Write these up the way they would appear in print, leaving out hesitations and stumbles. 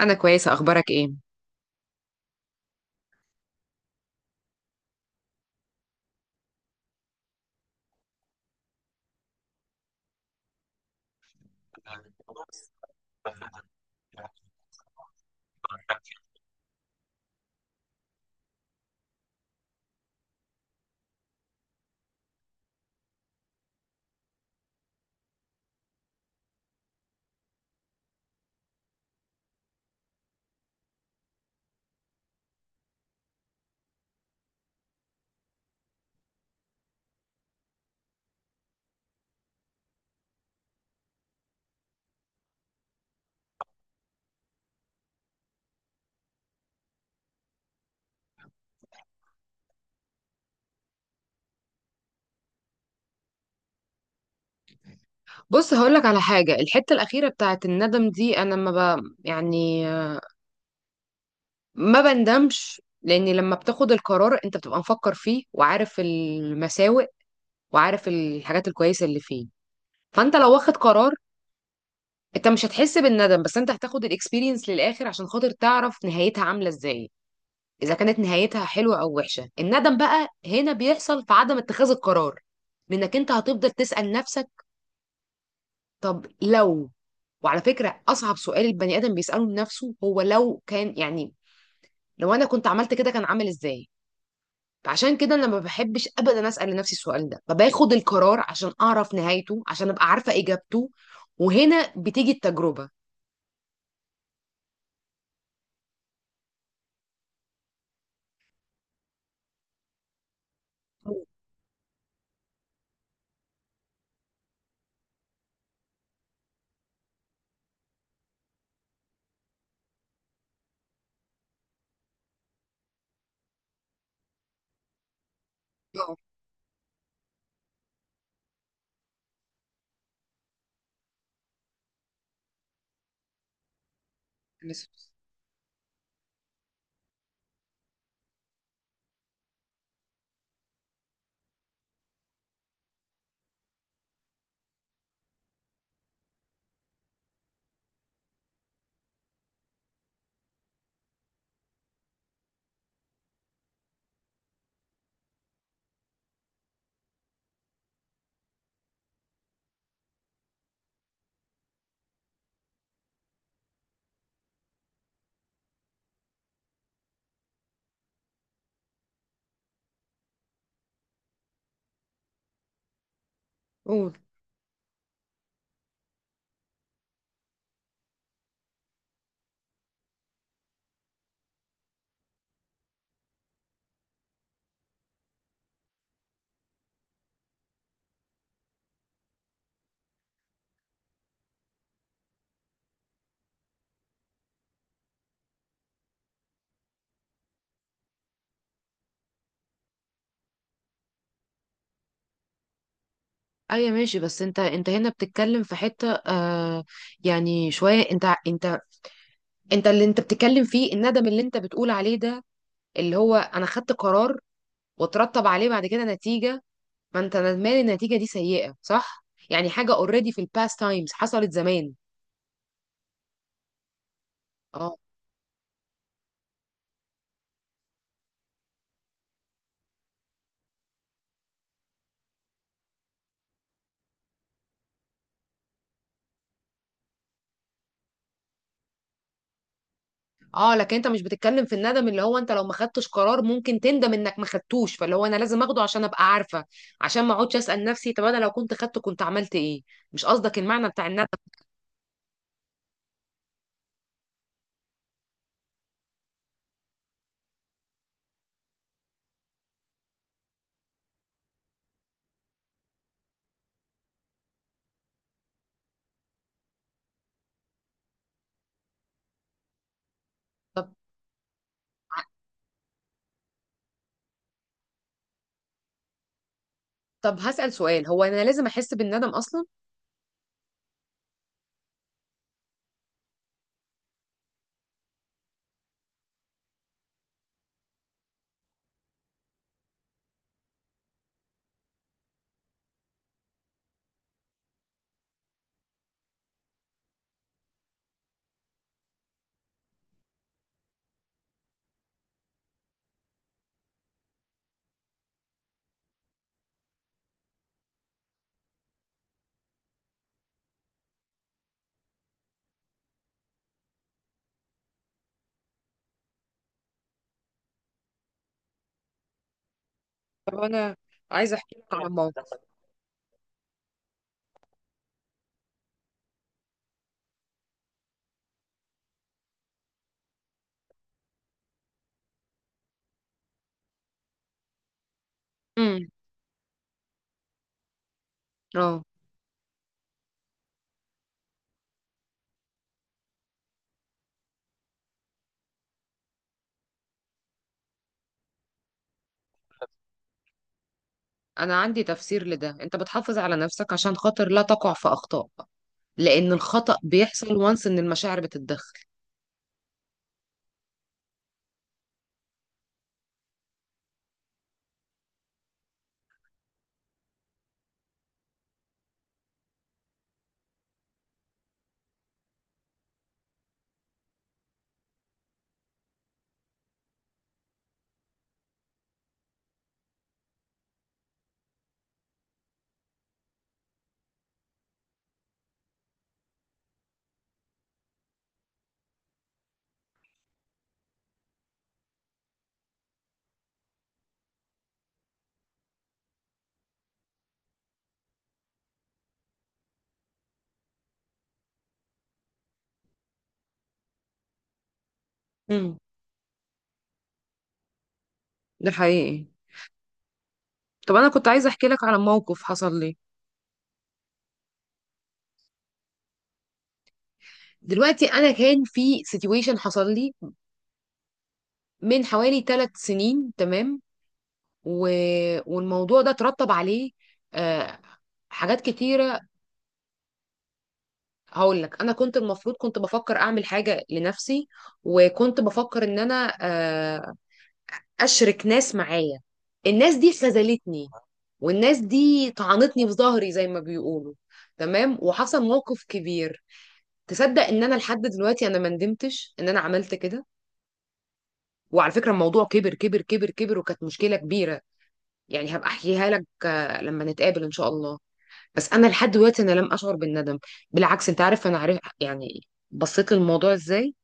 انا كويسه، اخبارك ايه؟ بص، هقولك على حاجه. الحته الاخيره بتاعت الندم دي انا ما ب... يعني ما بندمش، لان لما بتاخد القرار انت بتبقى مفكر فيه وعارف المساوئ وعارف الحاجات الكويسه اللي فيه. فانت لو واخد قرار، انت مش هتحس بالندم، بس انت هتاخد الاكسبيرينس للاخر عشان خاطر تعرف نهايتها عامله ازاي، اذا كانت نهايتها حلوه او وحشه. الندم بقى هنا بيحصل في عدم اتخاذ القرار، لانك انت هتفضل تسال نفسك طب لو وعلى فكرة، أصعب سؤال البني آدم بيسأله لنفسه هو لو كان، يعني لو أنا كنت عملت كده كان عامل إزاي. فعشان كده أنا ما بحبش أبدا أسأل لنفسي السؤال ده، فباخد القرار عشان أعرف نهايته، عشان أبقى عارفة إجابته. وهنا بتيجي التجربة. اه، بس. قول. ايوه، ماشي. بس انت هنا بتتكلم في حته، يعني شويه، انت اللي انت بتتكلم فيه الندم اللي انت بتقول عليه ده، اللي هو انا خدت قرار وترتب عليه بعد كده نتيجه. ما انت ندمان إن النتيجه دي سيئه، صح؟ يعني حاجه اوريدي في الباست تايمز، حصلت زمان. اه. اه، لكن انت مش بتتكلم في الندم اللي هو انت لو ما خدتش قرار ممكن تندم انك ما خدتوش، فاللي هو انا لازم اخده عشان ابقى عارفه، عشان ما اقعدش اسال نفسي طب انا لو كنت خدته كنت عملت ايه. مش قصدك المعنى بتاع الندم؟ طب. طب هسال سؤال، هو انا لازم احس بالندم اصلا؟ طب انا عايزه احكي لك عن موقف. امم. اه، انا عندي تفسير لده. انت بتحافظ على نفسك عشان خاطر لا تقع في اخطاء، لان الخطأ بيحصل وانس ان المشاعر بتتدخل. امم. ده حقيقي. طب انا كنت عايزه احكي لك على موقف حصل لي دلوقتي. انا كان في سيتويشن حصل لي من حوالي 3 سنين. تمام. و... والموضوع ده ترتب عليه آه... حاجات كتيره. هقول لك، انا كنت المفروض كنت بفكر اعمل حاجه لنفسي، وكنت بفكر ان انا اشرك ناس معايا. الناس دي خذلتني، والناس دي طعنتني في ظهري زي ما بيقولوا. تمام. وحصل موقف كبير. تصدق ان انا لحد دلوقتي انا ما ندمتش ان انا عملت كده؟ وعلى فكرة، الموضوع كبر كبر كبر كبر، وكانت مشكلة كبيرة. يعني هبقى احكيها لك لما نتقابل ان شاء الله. بس انا لحد دلوقتي انا لم اشعر بالندم. بالعكس، انت عارف انا عارف يعني بصيت للموضوع ازاي.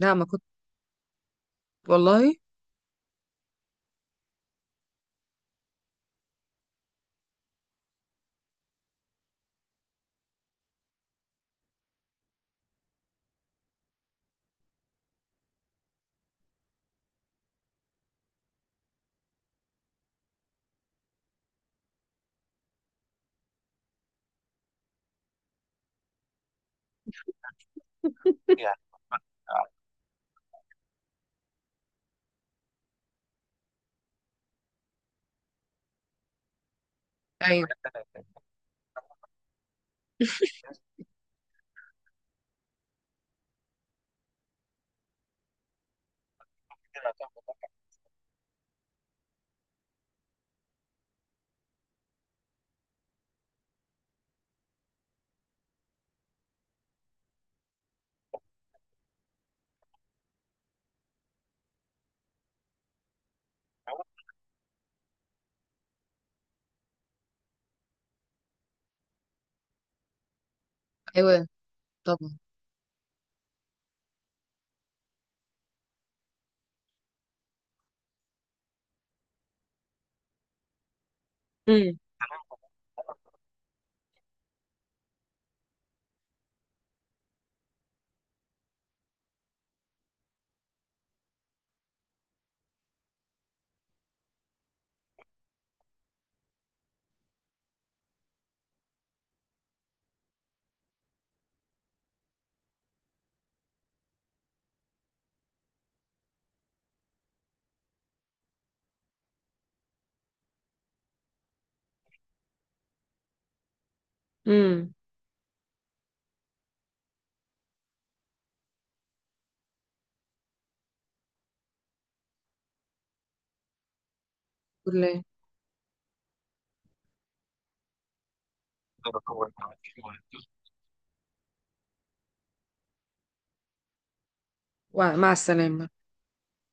لا، ما كنت. والله. ايوه، ايوه. طبعا. امم. امم. كلها. ومع السلامة.